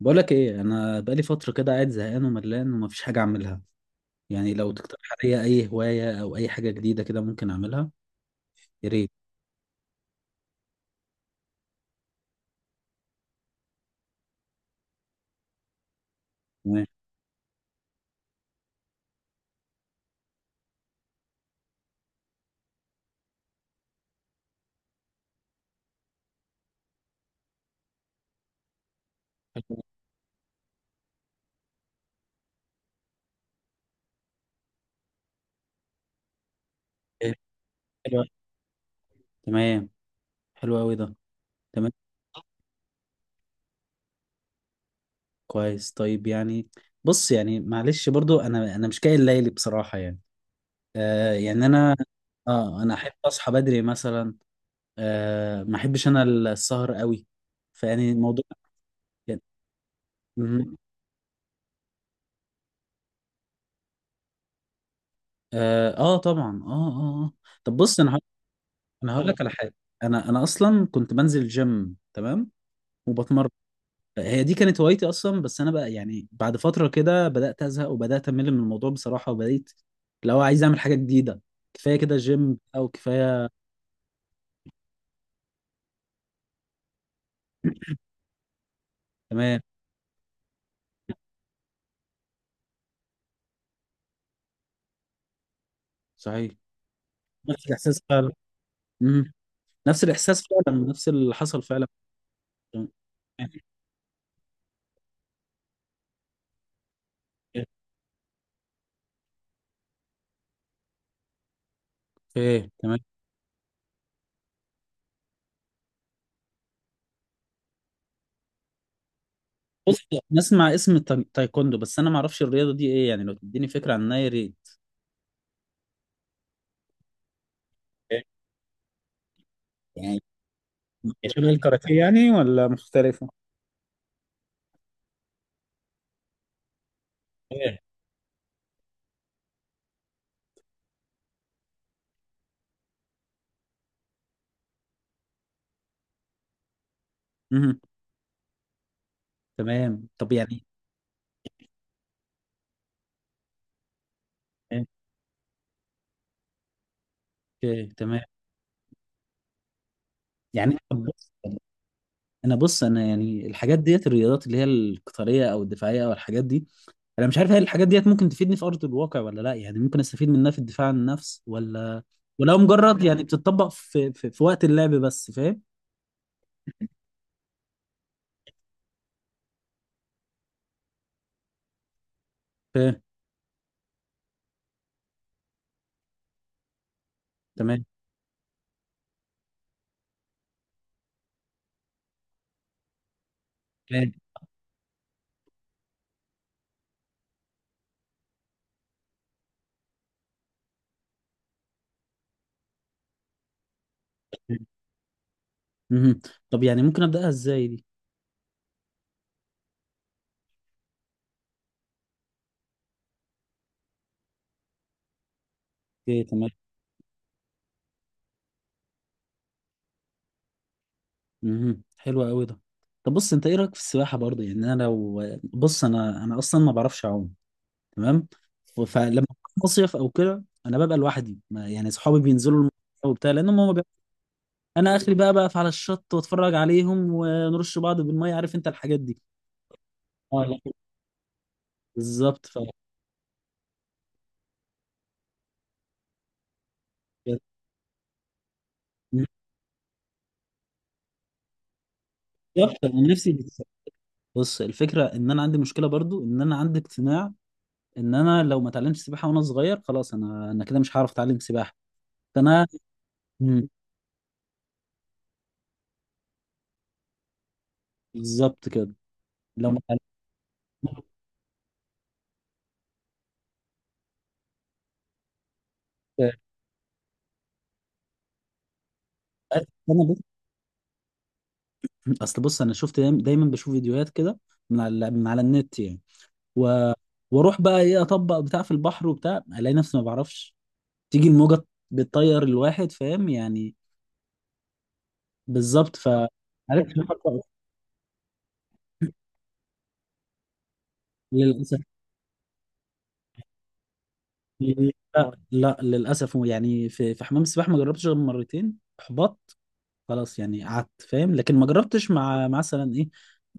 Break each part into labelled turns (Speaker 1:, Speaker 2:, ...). Speaker 1: بقولك ايه؟ انا بقالي فتره كده قاعد زهقان وملان ومفيش حاجه اعملها. يعني لو تقترح عليا اي هوايه او اي حاجه جديده كده ممكن اعملها. يا ريت. تمام. حلو. إيه، حلو أوي. تمام. حلو قوي ده. تمام. كويس، طيب يعني بص، يعني معلش برضو انا مش كاين ليلي بصراحه يعني. آه، يعني انا اه انا احب اصحى بدري مثلا. آه، ما احبش انا السهر قوي. فيعني الموضوع، يعني، مهم. اه، آه طبعا، اه اه آه. طب بص، انا هقول لك على حاجه. انا اصلا كنت بنزل جيم، تمام، وبتمرن. هي دي كانت هوايتي اصلا، بس انا بقى يعني بعد فتره كده بدات ازهق وبدات امل من الموضوع بصراحه وبقيت لو عايز اعمل حاجه جديده. كفايه كده جيم او كفايه. تمام، صحيح. نفس الاحساس فعلا. امم. نفس الاحساس فعلا، نفس اللي حصل فعلا. ايه تمام. بص، نسمع اسم التايكوندو، بس انا ما اعرفش الرياضه دي ايه. يعني لو تديني فكره عنها يا ريت. إيه؟ يعني شبه الكاراتيه يعني ولا مختلفه؟ إيه. مهم. تمام، طب يعني اوكي تمام. يعني طب بص انا، بص انا يعني الحاجات ديت الرياضات اللي هي القتاليه او الدفاعيه او الحاجات دي، انا مش عارف هل الحاجات ديت ممكن تفيدني في ارض الواقع ولا لا. يعني ممكن استفيد منها في الدفاع عن النفس ولا ولو مجرد يعني بتطبق في وقت اللعب بس، فاهم؟ فاهم. تمام. فاهم. فاهم. مهم. طب يعني ممكن ابداها ازاي دي؟ اوكي تمام. مهم. حلو قوي ده. طب بص، انت ايه رايك في السباحه برضه؟ يعني انا لو بص انا اصلا ما بعرفش اعوم. تمام. فلما بروح مصيف او كده انا ببقى لوحدي. ما يعني صحابي بينزلوا المية وبتاع لانهم هم انا اخري بقى بقف على الشط واتفرج عليهم ونرش بعض بالميه، عارف انت الحاجات دي. اه لا، بالظبط. ف بالظبط. انا نفسي بص، الفكره ان انا عندي مشكله برضو، ان انا عندي اقتناع ان انا لو ما اتعلمتش سباحه وانا صغير خلاص انا كده مش هعرف اتعلم سباحه. فانا، مم. بالظبط كده. لو ما اتعلمتش انا. اصل بص انا شفت دايماً بشوف فيديوهات كده، من على النت يعني و... واروح بقى ايه اطبق بتاع في البحر وبتاع، الاقي نفسي ما بعرفش، تيجي الموجه بتطير الواحد، فاهم يعني. بالظبط. ف عرفت. للاسف لا، لا للاسف. يعني في حمام السباحه ما جربتش غير مرتين، احبطت خلاص. يعني قعدت فاهم لكن ما جربتش مع مثلا ايه،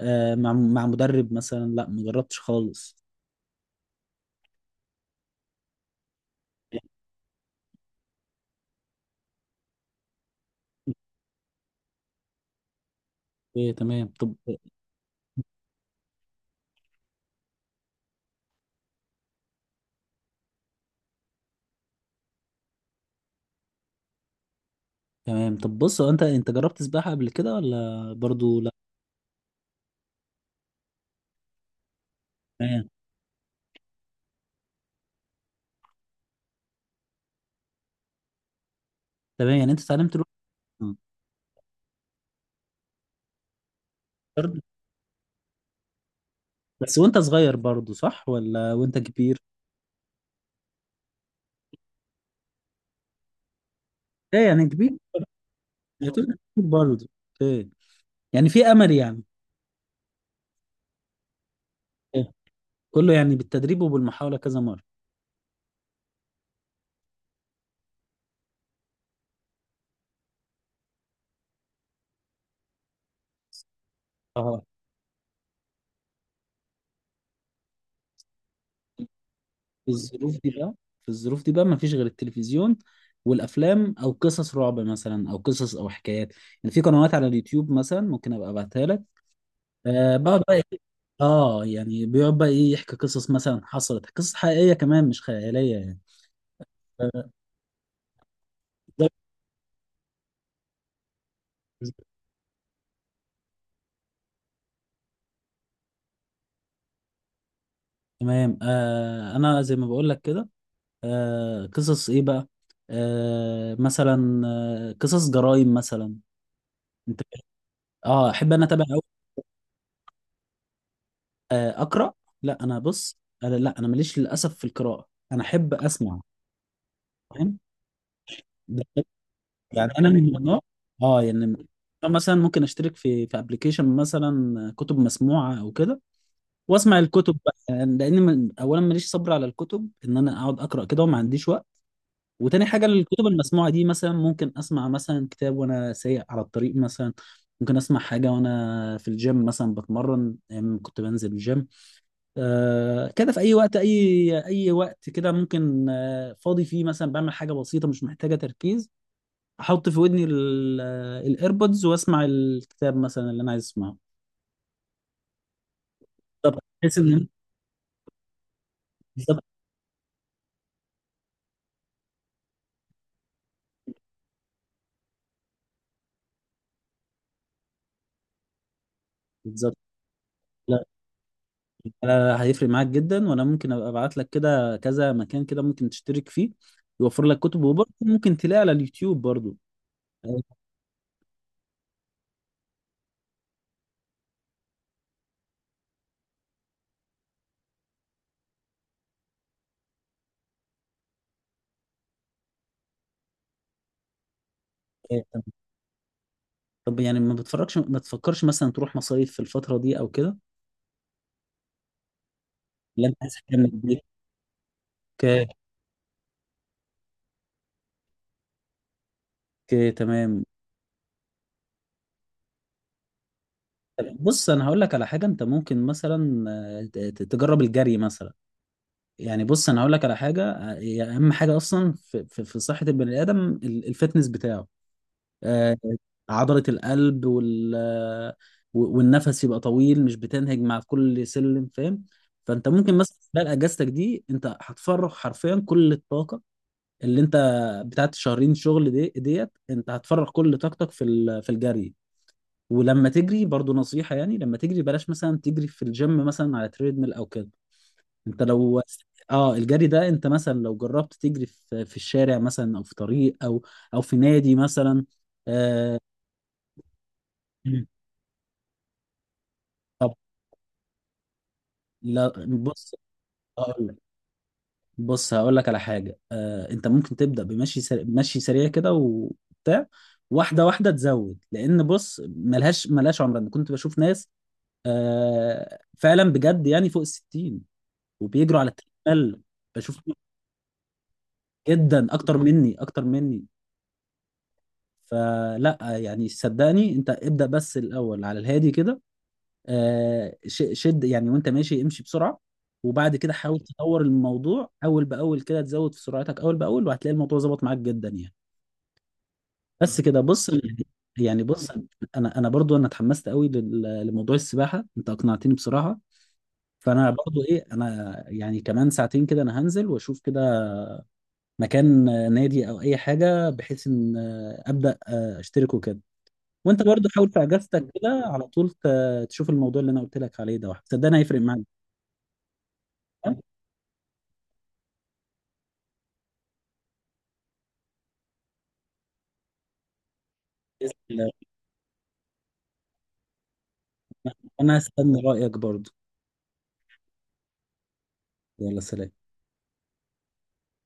Speaker 1: آه، مع مع مدرب مثلا، لا ما جربتش خالص. ايه تمام. طب تمام. طب بص، هو انت انت جربت سباحه قبل كده ولا برضو لا؟ تمام. تمام، يعني انت اتعلمت لوحدك برضو. بس وانت صغير برضو صح ولا وانت كبير؟ ايه، يعني كبير. هتقول كبير برضو. ايه. يعني في امل يعني؟ ايه. كله يعني بالتدريب وبالمحاوله كذا مره. اه. في الظروف دي بقى في الظروف دي بقى ما فيش غير التلفزيون والافلام او قصص رعب مثلا او قصص او حكايات. يعني في قنوات على اليوتيوب مثلا ممكن ابقى ابعتها لك. آه بقعد بقى اه يعني بيقعد بقى ايه يحكي قصص مثلا، حصلت قصص حقيقيه كمان مش خياليه يعني. آه، ده بالنسبة لي. تمام آه، انا زي ما بقول لك كده، آه قصص ايه بقى؟ آه مثلا آه قصص جرائم مثلا. انت، اه احب انا اتابع أوي. آه اقرا. لا انا، بص انا لا انا ماليش للاسف في القراءه، انا احب اسمع، فاهم؟ ده- يعني انا من النوع اه يعني، مثلا ممكن اشترك في ابلكيشن مثلا كتب مسموعه او كده، واسمع الكتب بقى. يعني لان من اولا ماليش صبر على الكتب ان انا اقعد اقرا كده وما عنديش وقت، وتاني حاجه الكتب المسموعه دي مثلا ممكن اسمع مثلا كتاب وانا سايق على الطريق مثلا. ممكن اسمع حاجه وانا في الجيم مثلا بتمرن، أيام كنت بنزل الجيم. آه كده، في اي وقت، اي اي وقت كده، ممكن آه فاضي فيه مثلا بعمل حاجه بسيطه مش محتاجه تركيز، احط في ودني الايربودز واسمع الكتاب مثلا اللي انا عايز اسمعه. بالظبط، بحيث ان بالظبط بالظبط. لا لا، هيفرق معاك جدا. وانا ممكن ابقى ابعت لك كده كذا مكان كده ممكن تشترك فيه، يوفر لك كتب، وبرضه ممكن تلاقي على اليوتيوب برضه. آه، طب يعني ما تفكرش مثلا تروح مصايف في الفترة دي او كده؟ لا انت عايز حاجة من البيت؟ اوكي. اوكي، تمام. بص انا هقول لك على حاجة، انت ممكن مثلا آه، تجرب الجري مثلا. يعني بص انا هقول لك على حاجة آه، هي اهم حاجة اصلا في صحة البني ادم، الفتنس بتاعه، آه، عضلة القلب، وال آه، والنفس يبقى طويل، مش بتنهج مع كل سلم، فاهم؟ فانت ممكن مثلا خلال اجازتك دي انت هتفرغ حرفيا كل الطاقة اللي انت بتاعت شهرين شغل دي ديت. انت هتفرغ كل طاقتك في الجري. ولما تجري برضو، نصيحة يعني، لما تجري بلاش مثلا تجري في الجيم مثلا على تريدميل او كده. انت لو اه الجري ده، انت مثلا لو جربت تجري في الشارع مثلا، او في طريق، او او في نادي مثلا. آه، طب لا بص هقول لك، بص هقول لك على حاجه، آه انت ممكن تبدا بمشي سريع، مشي سريع كده وبتاع، واحده واحده تزود. لان بص، ملهاش عمر. انا كنت بشوف ناس آه فعلا بجد يعني فوق الـ60، وبيجروا على التريدميل. بشوف جدا، اكتر مني اكتر مني. فلا يعني صدقني انت ابدا، بس الاول على الهادي كده آه، شد يعني وانت ماشي، امشي بسرعه، وبعد كده حاول تطور الموضوع اول باول كده، تزود في سرعتك اول باول وهتلاقي الموضوع ظبط معاك جدا يعني. بس كده. بص يعني، يعني بص، انا برضو انا اتحمست قوي لموضوع السباحه، انت اقنعتني بصراحه. فانا برضو ايه، انا يعني كمان ساعتين كده انا هنزل واشوف كده مكان آه، نادي او اي حاجه بحيث ان آه، ابدا آه، اشترك وكده. وانت برضو حاول في اجازتك كده على طول تشوف الموضوع اللي انا قلت لك عليه ده، صدقني هيفرق معاك. تمام؟ بإذن الله. انا هستنى رايك برضو. يلا سلام.